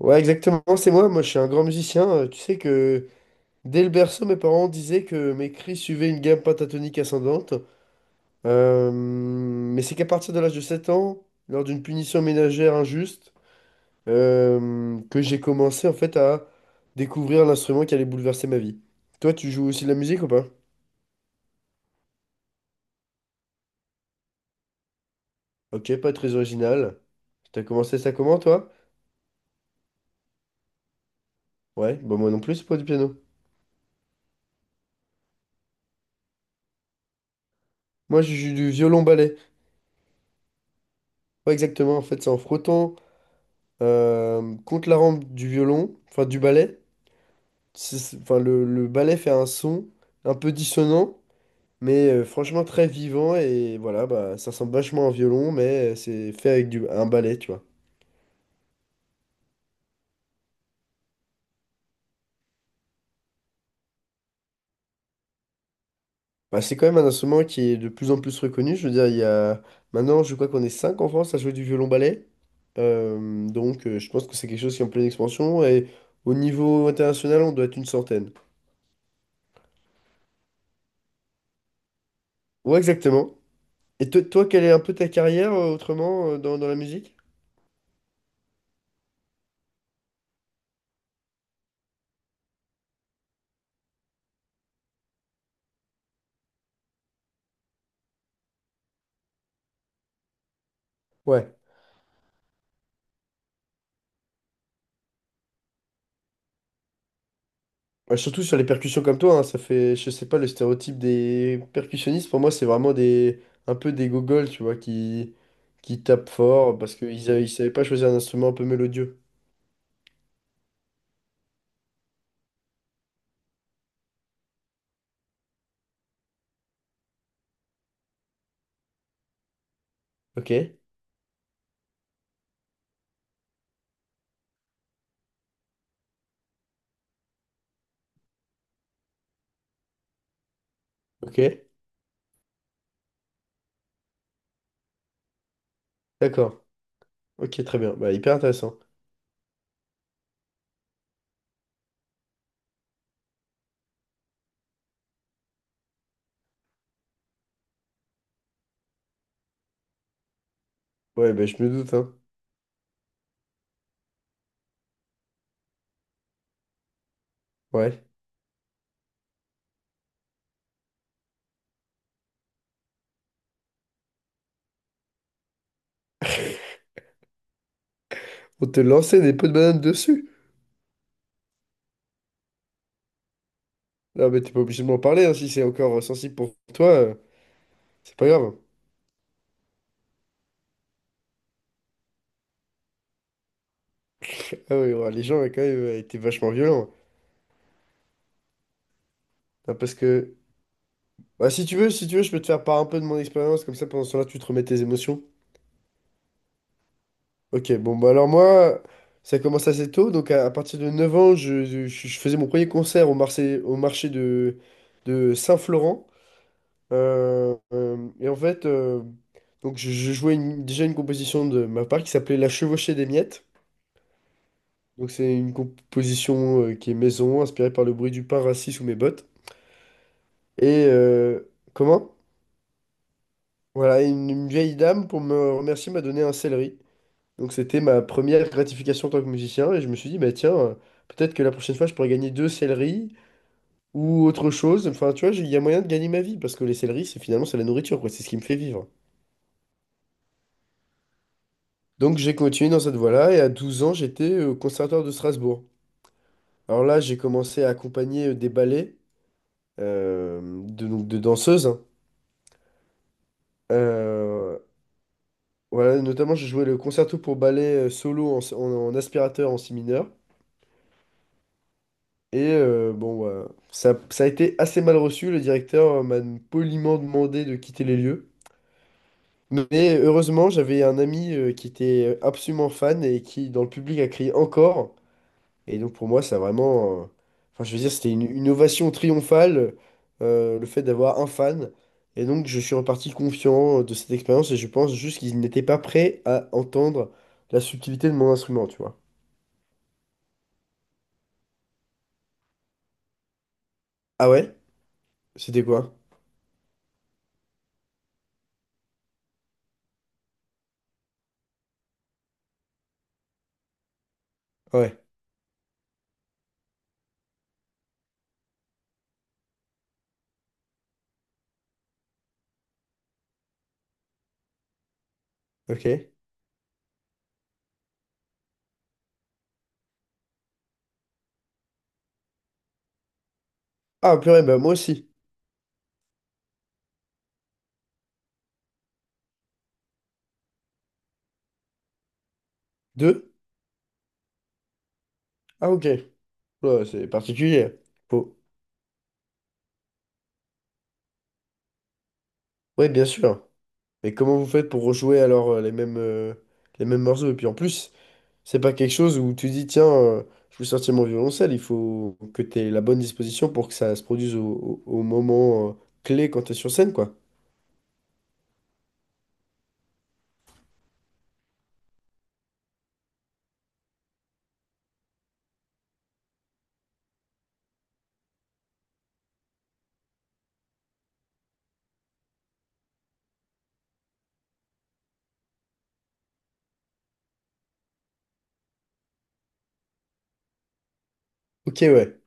Ouais, exactement, c'est moi. Moi, je suis un grand musicien. Tu sais que dès le berceau, mes parents disaient que mes cris suivaient une gamme pentatonique ascendante. Mais c'est qu'à partir de l'âge de 7 ans, lors d'une punition ménagère injuste, que j'ai commencé en fait à découvrir l'instrument qui allait bouleverser ma vie. Toi, tu joues aussi de la musique ou pas? Ok, pas très original. T'as commencé ça comment, toi? Ouais, bah moi non plus, c'est pas du piano. Moi, je joue du violon-ballet. Ouais, exactement, en fait, c'est en frottant, contre la rampe du violon, enfin du ballet. Enfin, le ballet fait un son un peu dissonant, mais franchement très vivant. Et voilà, bah, ça ressemble vachement à un violon, mais c'est fait avec un ballet, tu vois. Bah, c'est quand même un instrument qui est de plus en plus reconnu. Je veux dire, il y a maintenant, je crois qu'on est 5 en France à jouer du violon-ballet. Donc, je pense que c'est quelque chose qui est en pleine expansion. Et au niveau international, on doit être une centaine. Ouais, exactement. Et toi, quelle est un peu ta carrière autrement, dans la musique? Ouais. Ouais, surtout sur les percussions comme toi, hein, ça fait, je sais pas, le stéréotype des percussionnistes, pour moi, c'est vraiment un peu des gogols, tu vois, qui tapent fort parce qu'ils savaient pas choisir un instrument un peu mélodieux. Ok, ok, d'accord, ok, très bien, bah, hyper intéressant. Ouais, bah, je me doute, hein. Ouais. On te lançait des pots de banane dessus. Non, mais t'es pas obligé de m'en parler, hein, si c'est encore sensible pour toi, c'est pas grave. Ah oui, ouais, les gens ont quand même, été vachement violents, hein, parce que... Bah, si tu veux, je peux te faire part un peu de mon expérience, comme ça pendant ce temps-là, tu te remets tes émotions. Ok, bon, bah alors moi, ça commence assez tôt, donc à partir de 9 ans, je faisais mon premier concert au marché de Saint-Florent. Et en fait, donc je jouais déjà une composition de ma part qui s'appelait La Chevauchée des Miettes. Donc c'est une composition qui est maison, inspirée par le bruit du pain rassis sous mes bottes. Et comment? Voilà, une vieille dame, pour me remercier, m'a donné un céleri. Donc c'était ma première gratification en tant que musicien et je me suis dit, bah tiens, peut-être que la prochaine fois je pourrais gagner deux céleris ou autre chose. Enfin, tu vois, il y a moyen de gagner ma vie parce que les céleris, c'est finalement c'est la nourriture, quoi, c'est ce qui me fait vivre. Donc j'ai continué dans cette voie-là et à 12 ans, j'étais au conservatoire de Strasbourg. Alors là, j'ai commencé à accompagner des ballets, donc de danseuses, hein. Euh, voilà, notamment j'ai joué le concerto pour ballet solo, en aspirateur, en si mineur. Et bon, bah, ça a été assez mal reçu. Le directeur m'a poliment demandé de quitter les lieux. Mais heureusement, j'avais un ami qui était absolument fan et qui, dans le public, a crié encore. Et donc, pour moi, ça a vraiment. Enfin, je veux dire, c'était une ovation triomphale, le fait d'avoir un fan. Et donc, je suis reparti confiant de cette expérience et je pense juste qu'ils n'étaient pas prêts à entendre la subtilité de mon instrument, tu vois. Ah ouais? C'était quoi? Ouais, ok. Ah, purée, bah moi aussi. Deux? Ah, ok. Ouais, c'est particulier. Faut... Ouais, bien sûr. Mais comment vous faites pour rejouer alors, les mêmes morceaux? Et puis en plus, c'est pas quelque chose où tu dis, tiens, je veux sortir mon violoncelle, il faut que tu aies la bonne disposition pour que ça se produise au moment clé quand tu es sur scène, quoi. Ok, ouais.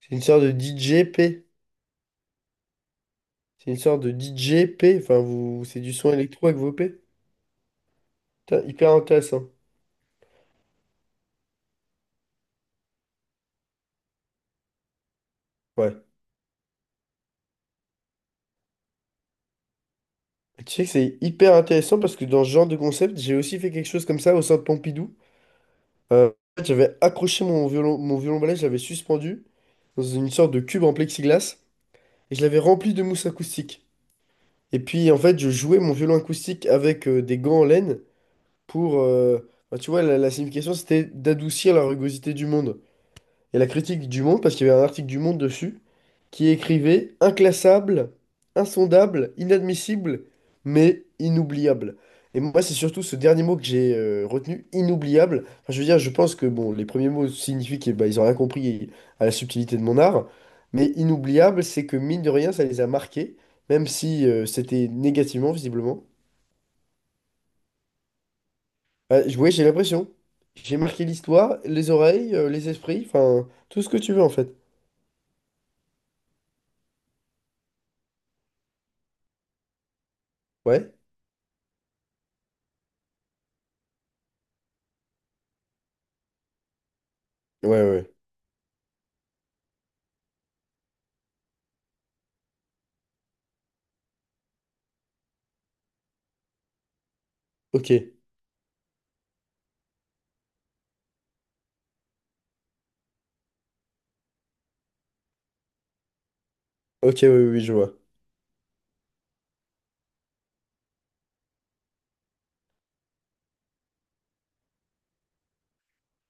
C'est une sorte de DJP. C'est une sorte de DJP. Enfin, vous... c'est du son électro avec vos P. Putain, hyper intéressant. Ouais. Et tu sais que c'est hyper intéressant parce que dans ce genre de concept, j'ai aussi fait quelque chose comme ça au Centre Pompidou. Euh, En fait, j'avais accroché mon violon balai, je l'avais suspendu dans une sorte de cube en plexiglas et je l'avais rempli de mousse acoustique. Et puis en fait, je jouais mon violon acoustique avec des gants en laine pour, bah, tu vois, la signification, c'était d'adoucir la rugosité du monde. Et la critique du Monde, parce qu'il y avait un article du Monde dessus, qui écrivait « Inclassable, insondable, inadmissible, mais inoubliable ». Et moi, c'est surtout ce dernier mot que j'ai retenu, inoubliable. Enfin, je veux dire, je pense que bon, les premiers mots signifient qu'ils ils ont rien compris à la subtilité de mon art, mais inoubliable, c'est que mine de rien, ça les a marqués, même si c'était négativement, visiblement. Ouais, j'ai l'impression. J'ai marqué l'histoire, les oreilles, les esprits, enfin, tout ce que tu veux en fait. Ouais. Ouais, ouais, ouais. Ok, ok, oui, oui, oui, je vois.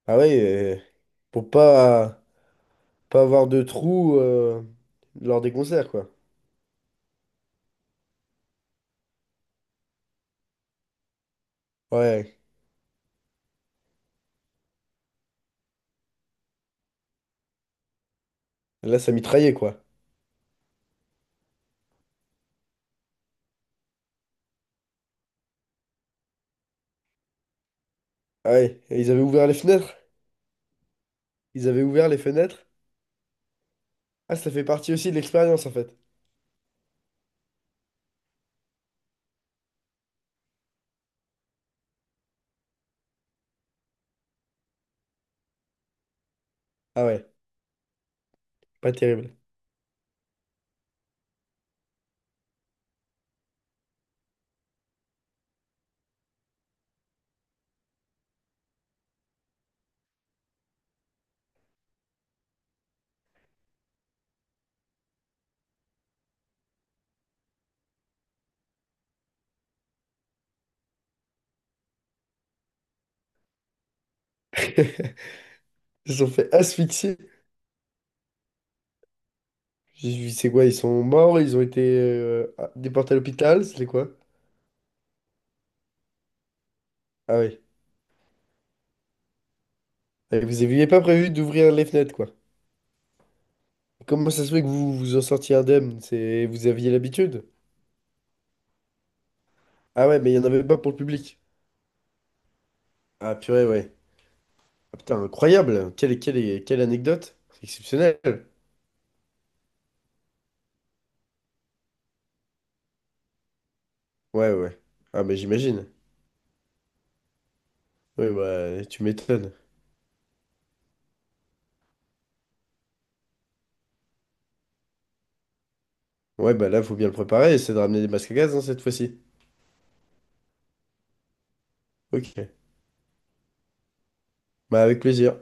Ah ouais, euh, pour pas avoir de trous lors des concerts, quoi. Ouais, là, ça mitraillait, quoi. Ah ouais, et ils avaient ouvert les fenêtres. Ils avaient ouvert les fenêtres. Ah, ça fait partie aussi de l'expérience, en fait. Ah ouais, pas terrible. Ils se sont fait asphyxier. J'ai vu, c'est quoi, ils sont morts, ils ont été déportés à l'hôpital, c'est quoi? Ah ouais. Et vous aviez pas prévu d'ouvrir les fenêtres, quoi. Comment ça se fait que vous vous en sortiez indemne? C'est... Vous aviez l'habitude? Ah ouais, mais il y en avait pas pour le public. Ah purée, ouais. Ah, putain, incroyable. Quelle, quelle, quelle anecdote. Exceptionnelle. Ouais, ouais. Ah mais j'imagine. Oui, bah tu m'étonnes. Ouais, bah là, faut bien le préparer, c'est de ramener des masques à gaz, hein, cette fois-ci. Ok. Bah avec plaisir.